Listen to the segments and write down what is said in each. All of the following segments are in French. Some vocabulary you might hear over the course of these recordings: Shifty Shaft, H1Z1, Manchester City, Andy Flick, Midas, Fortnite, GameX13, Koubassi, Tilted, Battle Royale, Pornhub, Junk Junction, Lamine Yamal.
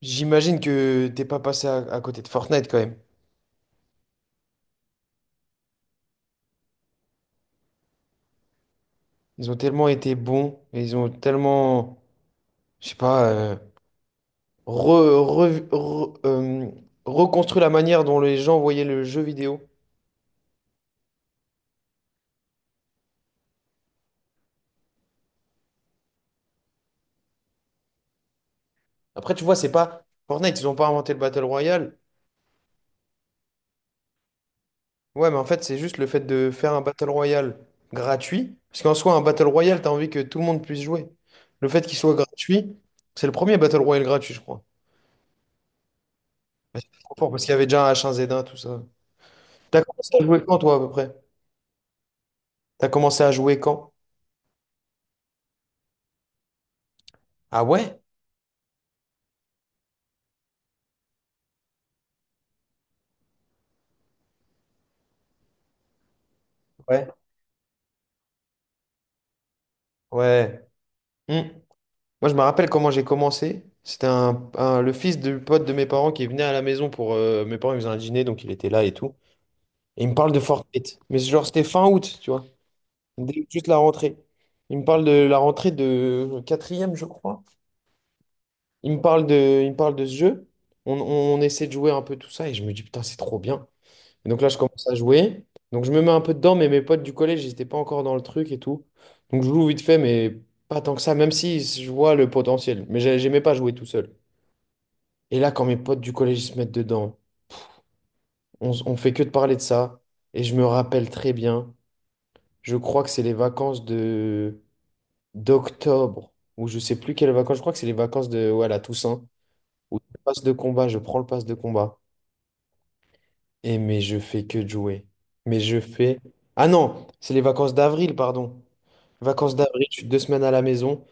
J'imagine que t'es pas passé à côté de Fortnite quand même. Ils ont tellement été bons et ils ont tellement, je sais pas, re- re- re- euh, reconstruit la manière dont les gens voyaient le jeu vidéo. Après, tu vois, c'est pas Fortnite, ils ont pas inventé le Battle Royale. Ouais, mais en fait, c'est juste le fait de faire un Battle Royale gratuit. Parce qu'en soi, un Battle Royale, t'as envie que tout le monde puisse jouer. Le fait qu'il soit gratuit, c'est le premier Battle Royale gratuit, je crois. Bah, c'est trop fort parce qu'il y avait déjà un H1Z1, tout ça. T'as commencé à jouer quand, toi, à peu près? T'as commencé à jouer quand? Ah ouais? Ouais. Ouais. Hmm. Moi, je me rappelle comment j'ai commencé. C'était le fils du pote de mes parents qui venait à la maison. Mes parents, ils faisaient un dîner, donc il était là et tout. Et il me parle de Fortnite. Mais genre, c'était fin août, tu vois. Juste la rentrée. Il me parle de la rentrée de quatrième, je crois. Il me parle de ce jeu. On, on, on essaie de jouer un peu tout ça et je me dis, putain, c'est trop bien. Et donc là, je commence à jouer. Donc je me mets un peu dedans, mais mes potes du collège, ils n'étaient pas encore dans le truc et tout. Donc je joue vite fait, mais pas tant que ça, même si je vois le potentiel. Mais j'aimais pas jouer tout seul. Et là, quand mes potes du collège ils se mettent dedans, on fait que de parler de ça. Et je me rappelle très bien, je crois que c'est les vacances de d'octobre, ou je sais plus quelles vacances, je crois que c'est les vacances de ouais, la Toussaint, où je prends le passe de combat. Et mais je fais que de jouer. Mais je fais. Ah non, c'est les vacances d'avril, pardon. Vacances d'avril, je suis 2 semaines à la maison.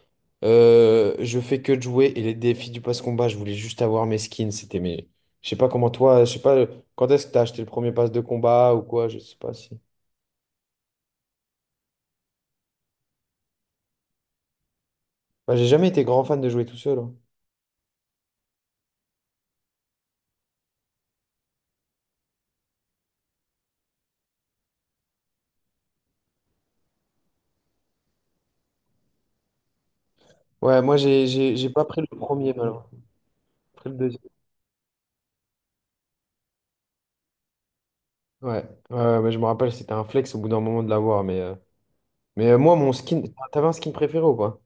Je fais que de jouer. Et les défis du pass combat, je voulais juste avoir mes skins. C'était mes. Je sais pas comment toi. Je sais pas quand est-ce que t'as acheté le premier pass de combat ou quoi. Je sais pas si. Bah, j'ai jamais été grand fan de jouer tout seul, hein. Ouais, moi, j'ai pas pris le premier, malheureusement. J'ai pris le deuxième. Ouais, ouais, ouais, mais je me rappelle, c'était un flex au bout d'un moment de l'avoir. Moi, mon skin. T'avais un skin préféré ou pas?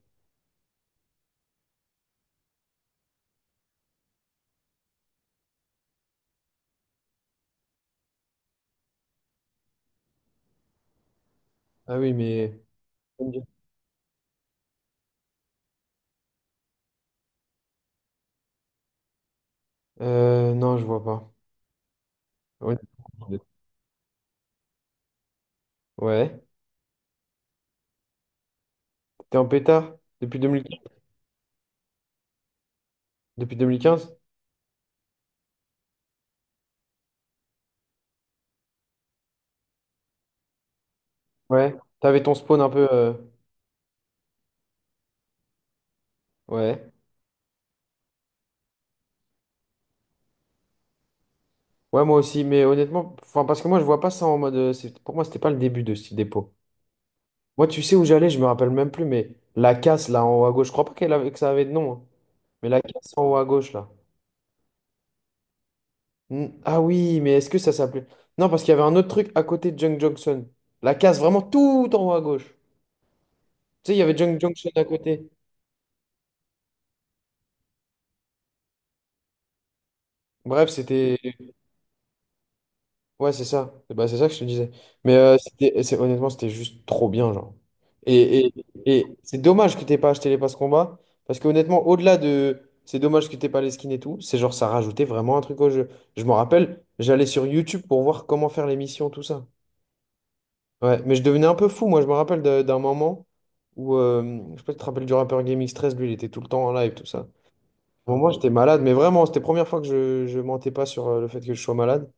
Ah oui, mais. Non, je vois pas. Ouais. Ouais. T'es en pétard depuis 2015? Depuis 2015? Ouais. T'avais ton spawn un peu. Ouais. Ouais, moi aussi. Mais honnêtement, enfin, parce que moi, je vois pas ça en mode. Pour moi, c'était pas le début de ce dépôt. Moi, tu sais où j'allais, je me rappelle même plus, mais la casse là en haut à gauche, je crois pas que ça avait de nom, hein. Mais la casse en haut à gauche là. Hmm. Ah oui, mais est-ce que ça s'appelait. Non, parce qu'il y avait un autre truc à côté de Junk Junction. La casse vraiment tout en haut à gauche. Tu sais, il y avait Junk Junction à côté. Bref, c'était. Ouais, c'est ça. Bah, c'est ça que je te disais. Mais c'était, honnêtement, c'était juste trop bien, genre. Et, et, et c'est dommage que t'aies pas acheté les passes combat. Parce que honnêtement, au-delà de c'est dommage que t'aies pas les skins et tout, c'est genre ça rajoutait vraiment un truc au jeu. Je me rappelle, j'allais sur YouTube pour voir comment faire les missions, tout ça. Ouais, mais je devenais un peu fou, moi. Je me rappelle d'un moment où, je sais pas si tu te rappelles du rappeur GameX13, lui, il était tout le temps en live, tout ça. Bon, moi, j'étais malade, mais vraiment, c'était la première fois que je mentais pas sur le fait que je sois malade.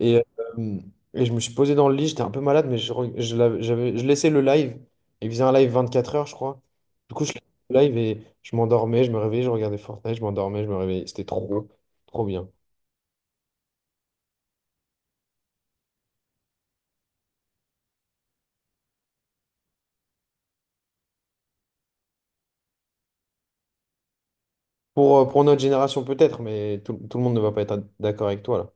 Et, euh, et je me suis posé dans le lit, j'étais un peu malade, mais je, re- je, l'avais- j'avais, je laissais le live. Il faisait un live 24 heures, je crois. Du coup, je laissais le live et je m'endormais, je me réveillais, je regardais Fortnite, je m'endormais, je me réveillais. C'était trop, trop bien. Pour notre génération, peut-être, mais tout le monde ne va pas être d'accord avec toi, là.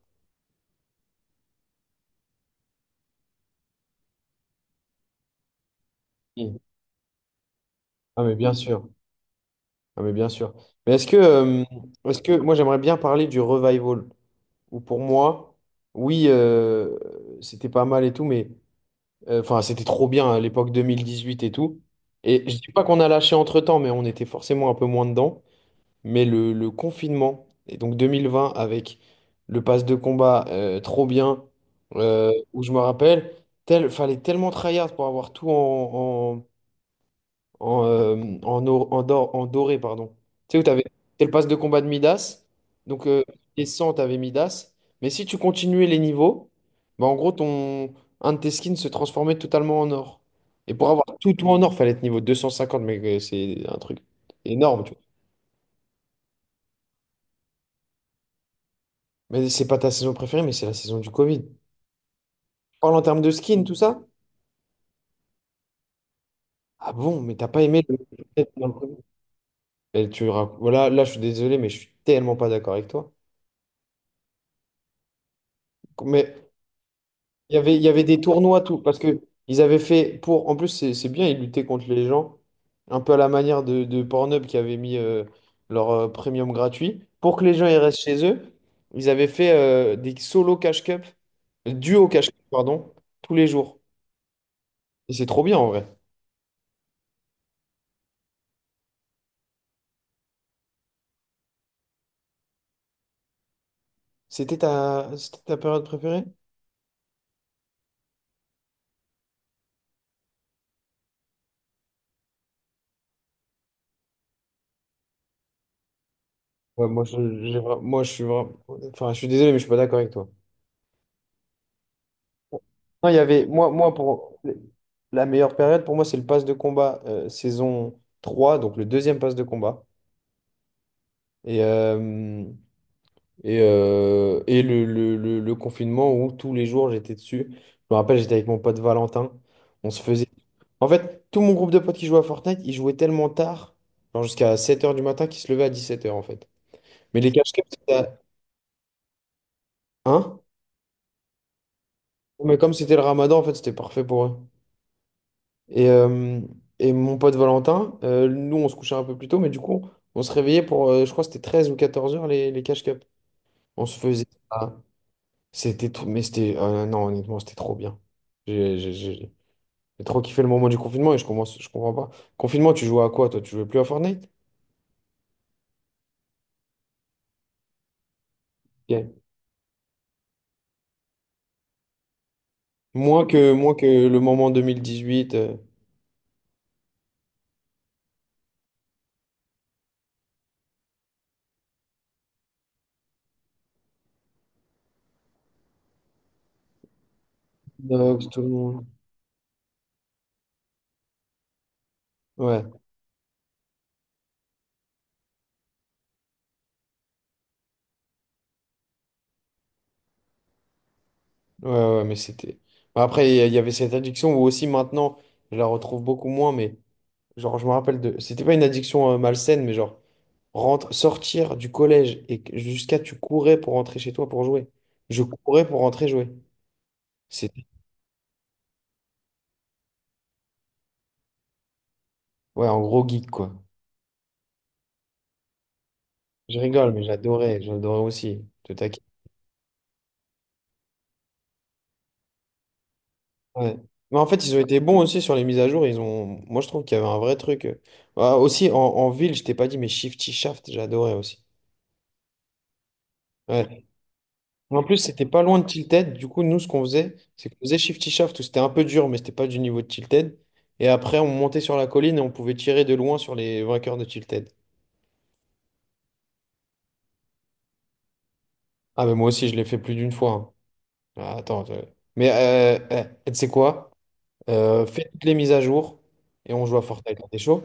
Mm. Ah, mais bien sûr. Ah, mais bien sûr. Mais est-ce que moi, j'aimerais bien parler du revival, où pour moi, oui, c'était pas mal et tout, mais. Enfin, c'était trop bien à l'époque 2018 et tout. Et je dis pas qu'on a lâché entre-temps, mais on était forcément un peu moins dedans. Mais le confinement, et donc 2020 avec le pass de combat, trop bien, où je me rappelle, fallait tellement tryhard pour avoir tout en, euh, en doré, pardon. Tu sais où t'avais, c'était le passe de combat de Midas. Donc, les 100, t'avais Midas. Mais si tu continuais les niveaux, bah, en gros, un de tes skins se transformait totalement en or. Et pour avoir tout, tout en or, fallait être niveau 250. Mais c'est un truc énorme, tu vois. Mais c'est pas ta saison préférée, mais c'est la saison du Covid. Tu parles en termes de skins, tout ça? Ah bon, mais t'as pas aimé le. Voilà, là, je suis désolé, mais je suis tellement pas d'accord avec toi. Mais il y avait des tournois, tout, parce que ils avaient fait pour. En plus, c'est bien, ils luttaient contre les gens, un peu à la manière de Pornhub qui avait mis leur premium gratuit. Pour que les gens ils restent chez eux, ils avaient fait des solo cash cup, duo cash cup, pardon, tous les jours. Et c'est trop bien en vrai. C'était ta période préférée? Ouais, moi je, j'ai vra- moi, je suis vra- enfin, je suis désolé, mais je suis pas d'accord avec toi. Non, il y avait, moi, moi pour la meilleure période pour moi, c'est le pass de combat, saison 3 donc le deuxième pass de combat. Et, euh, et le confinement où tous les jours j'étais dessus. Je me rappelle, j'étais avec mon pote Valentin. On se faisait. En fait, tout mon groupe de potes qui jouait à Fortnite, ils jouaient tellement tard, genre jusqu'à 7 heures du matin, qu'ils se levaient à 17 heures en fait. Mais les cache-cache, c'était à. Hein? Mais comme c'était le ramadan, en fait, c'était parfait pour eux. Et, euh, et mon pote Valentin, nous, on se couchait un peu plus tôt, mais du coup, on se réveillait pour, je crois que c'était 13 ou 14 heures, les cash cups. On se faisait ça. C'était trop, mais c'était, non, honnêtement, c'était trop bien. J'ai j'ai- j'ai- j'ai trop kiffé le moment du confinement et je comprends pas. Confinement, tu jouais à quoi, toi? Tu jouais plus à Fortnite? Ok. Moins que le moment 2018. Nox, tout le monde. Ouais, ouais, ouais, mais c'était. Bah, après, il y avait cette addiction où aussi maintenant, je la retrouve beaucoup moins, mais. Genre, je me rappelle de. C'était pas une addiction malsaine, mais genre, sortir du collège jusqu'à tu courais pour rentrer chez toi pour jouer. Je courais pour rentrer jouer. C'était, ouais, en gros geek, quoi. Je rigole, mais j'adorais, j'adorais aussi. Te taquiner. Ouais. Mais en fait, ils ont été bons aussi sur les mises à jour. Ils ont. Moi, je trouve qu'il y avait un vrai truc. Ah, aussi, en ville, je t'ai pas dit, mais Shifty Shaft, j'adorais aussi. Ouais. En plus, c'était pas loin de Tilted. Du coup, nous, ce qu'on faisait, c'est qu'on faisait Shifty Shaft, où c'était un peu dur, mais c'était pas du niveau de Tilted. Et après, on montait sur la colline et on pouvait tirer de loin sur les vainqueurs de Tilted. Ah, mais moi aussi, je l'ai fait plus d'une fois, hein. Ah, attends, mais eh, tu sais quoi? Fais toutes les mises à jour et on joue à Fortnite. T'es chaud?